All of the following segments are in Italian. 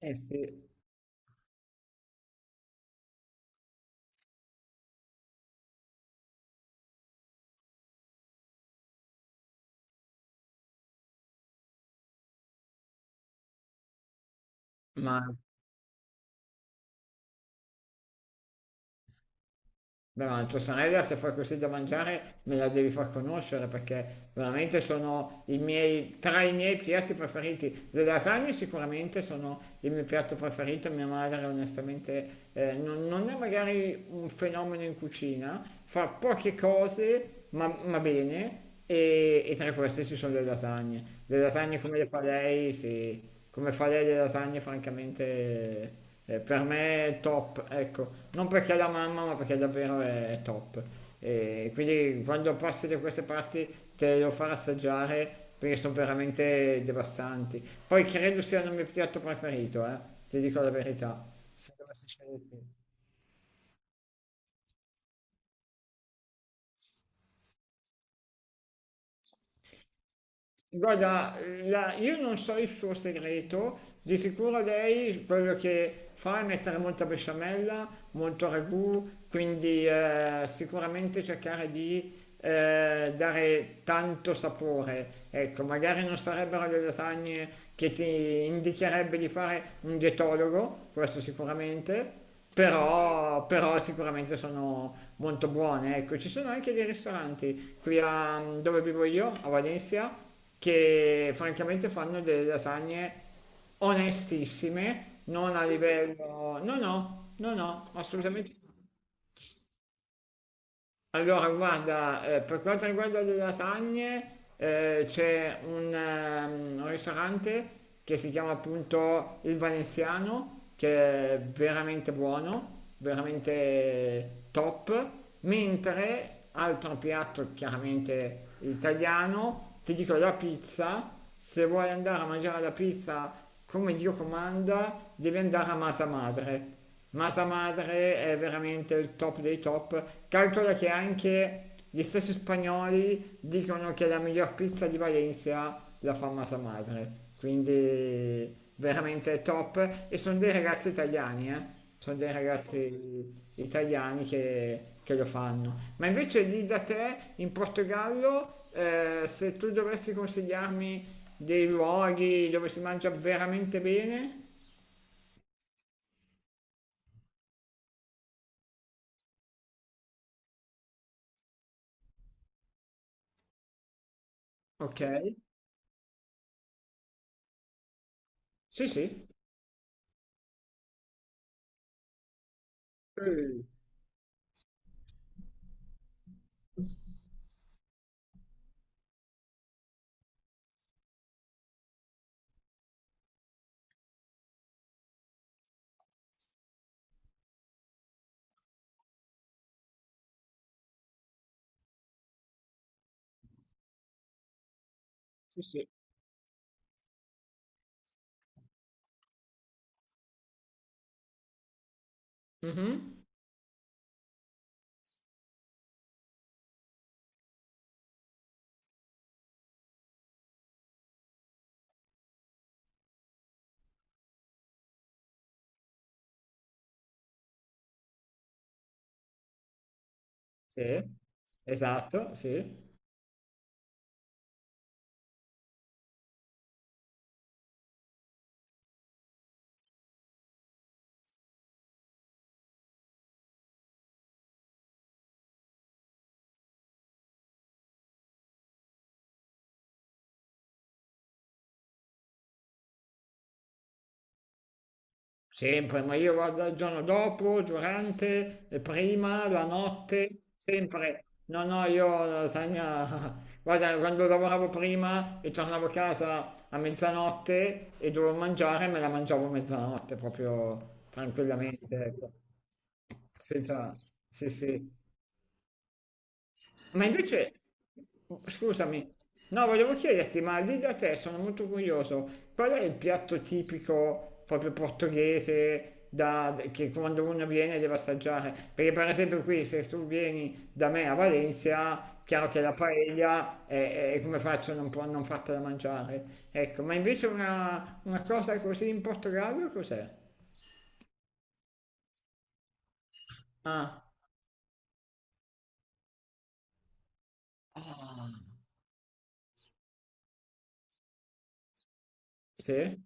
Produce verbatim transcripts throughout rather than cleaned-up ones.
Eh sì, ma, beh, ma tua sorella se fai così da mangiare me la devi far conoscere perché veramente sono i miei, tra i miei piatti preferiti. Le lasagne sicuramente sono il mio piatto preferito. Mia madre onestamente eh, non, non è magari un fenomeno in cucina, fa poche cose ma, ma bene e, e tra queste ci sono le lasagne. Le lasagne come le fa lei, sì, come fa lei le lasagne francamente... Eh, per me è top, ecco, non perché è la mamma, ma perché davvero è, è top. E quindi quando passi da queste parti te lo farò assaggiare perché sono veramente devastanti. Poi credo sia il mio piatto preferito, eh, ti dico la verità, se dovessi scegliere sì. Guarda, la- io non so il suo segreto. Di sicuro lei quello che fa è mettere molta besciamella, molto ragù, quindi eh, sicuramente cercare di eh, dare tanto sapore. Ecco, magari non sarebbero le lasagne che ti indicherebbe di fare un dietologo, questo sicuramente, però, però sicuramente sono molto buone. Ecco, ci sono anche dei ristoranti qui a, dove vivo io, a Valencia, che francamente fanno delle lasagne onestissime, non a livello... No, no, no, no, assolutamente. Allora, guarda, eh, per quanto riguarda le lasagne, eh, c'è un, ehm, un ristorante che si chiama appunto Il Valenziano, che è veramente buono, veramente top, mentre altro piatto chiaramente italiano, ti dico la pizza. Se vuoi andare a mangiare la pizza come Dio comanda, devi andare a Masa Madre. Masa Madre è veramente il top dei top. Calcola che anche gli stessi spagnoli dicono che la miglior pizza di Valencia la fa Masa Madre. Quindi veramente top. E sono dei ragazzi italiani, eh. Sono dei ragazzi italiani che, che lo fanno. Ma invece lì da te, in Portogallo, eh, se tu dovessi consigliarmi dei luoghi dove si mangia veramente bene? Ok, sì, sì. Eh, sì, sì. Mhm. Sì, esatto, sì. Sempre, ma io vado il giorno dopo, durante, e prima, la notte, sempre. No, no, io la lasagna... Guarda, quando lavoravo prima e tornavo a casa a mezzanotte e dovevo mangiare, me la mangiavo a mezzanotte proprio tranquillamente, ecco. Senza, sì, sì. Ma invece, scusami, no, volevo chiederti, ma lì da te sono molto curioso, qual è il piatto tipico proprio portoghese da- che quando uno viene deve assaggiare? Perché per esempio qui, se tu vieni da me a Valencia, chiaro che la paella è, è come faccio a non, po- non fartela mangiare. Ecco, ma invece una, una cosa così in Portogallo cos'è? Ah, ah, sì,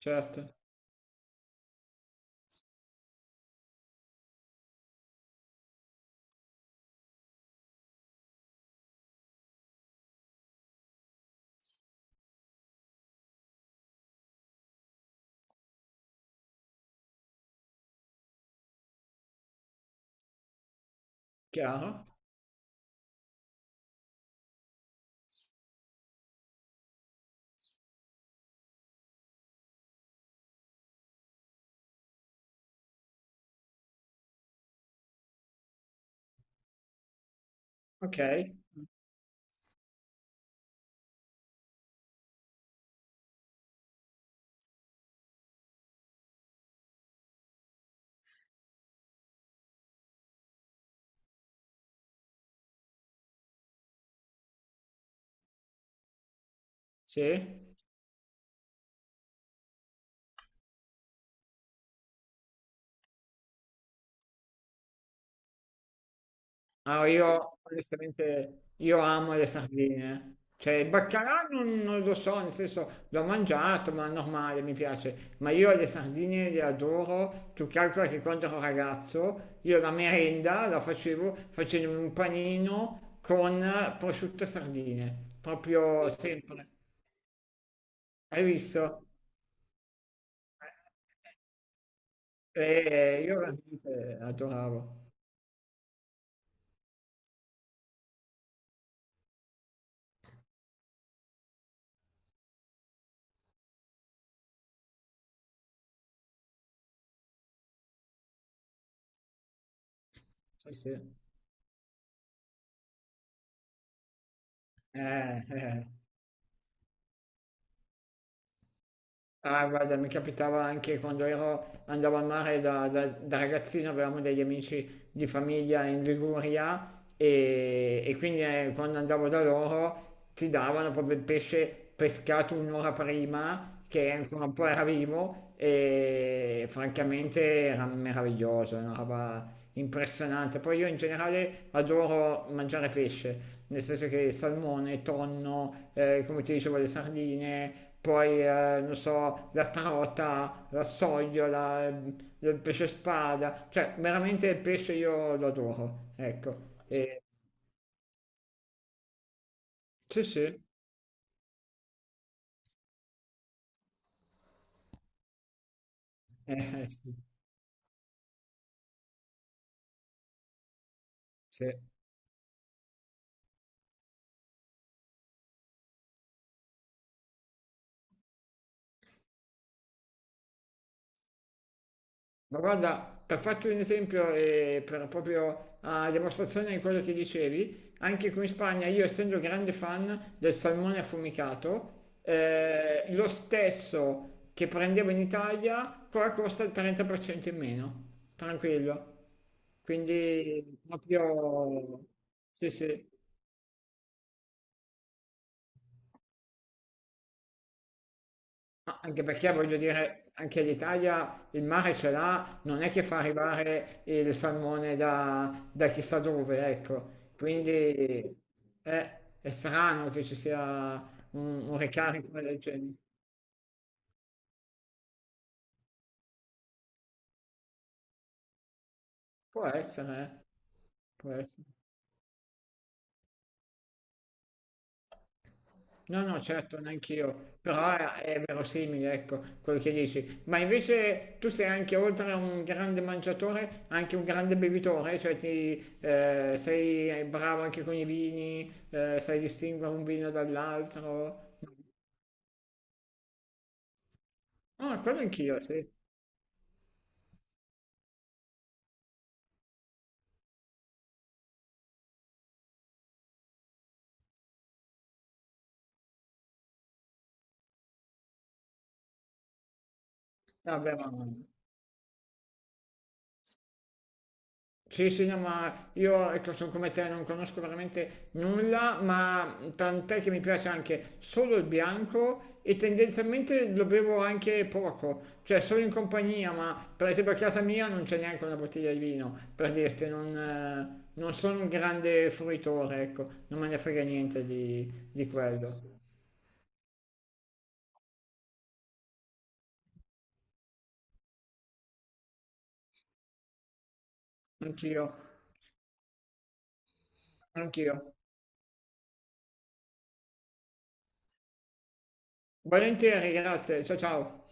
certo, chiaro, ok, sì. No, io onestamente io amo le sardine. Cioè, il baccalà non, non lo so, nel senso l'ho mangiato, ma è normale, mi piace. Ma io le sardine le adoro. Tu calcola che quando ero ragazzo, io la merenda la facevo facendo un panino con prosciutto e sardine. Proprio sempre. Hai visto? E io veramente adoravo. Sì, sì. Eh, eh. Ah, guarda, mi capitava anche quando ero, andavo al mare da, da- da ragazzino. Avevamo degli amici di famiglia in Liguria e, e quindi eh, quando andavo da loro ti davano proprio il pesce pescato un'ora prima, che ancora un po' era vivo e francamente era meraviglioso, era una roba impressionante. Poi io in generale adoro mangiare pesce, nel senso che salmone, tonno, eh, come ti dicevo, le sardine, poi eh, non so, la trota, la sogliola, eh, il pesce spada, cioè veramente il pesce io lo adoro, ecco. E, sì, sì, eh, sì, sì. Ma guarda, per farti un esempio e per proprio a dimostrazione di quello che dicevi, anche qui in Spagna, io essendo grande fan del salmone affumicato, eh, lo stesso che prendevo in Italia, qua costa il trenta per cento in meno, tranquillo. Quindi proprio... Sì, sì. Ma anche perché voglio dire, anche l'Italia il mare ce l'ha, non è che fa arrivare il salmone da, da chissà dove, ecco. Quindi è, è strano che ci sia un, un ricarico del genere. Può essere, eh. Può essere. No, no, certo, neanch'io, però è, è verosimile, ecco, quello che dici. Ma invece tu sei anche, oltre a un grande mangiatore, anche un grande bevitore, cioè ti, eh, sei bravo anche con i vini, eh, sai distinguere un vino dall'altro. Ah, quello anch'io, sì. Vabbè, ma... Sì, sì, no, ma io ecco, sono come te, non conosco veramente nulla, ma tant'è che mi piace anche solo il bianco e tendenzialmente lo bevo anche poco, cioè solo in compagnia, ma per esempio a casa mia non c'è neanche una bottiglia di vino, per dirti, non, eh, non sono un grande fruitore, ecco, non me ne frega niente di, di quello. Anch'io, anch'io. Volentieri, grazie, ciao ciao.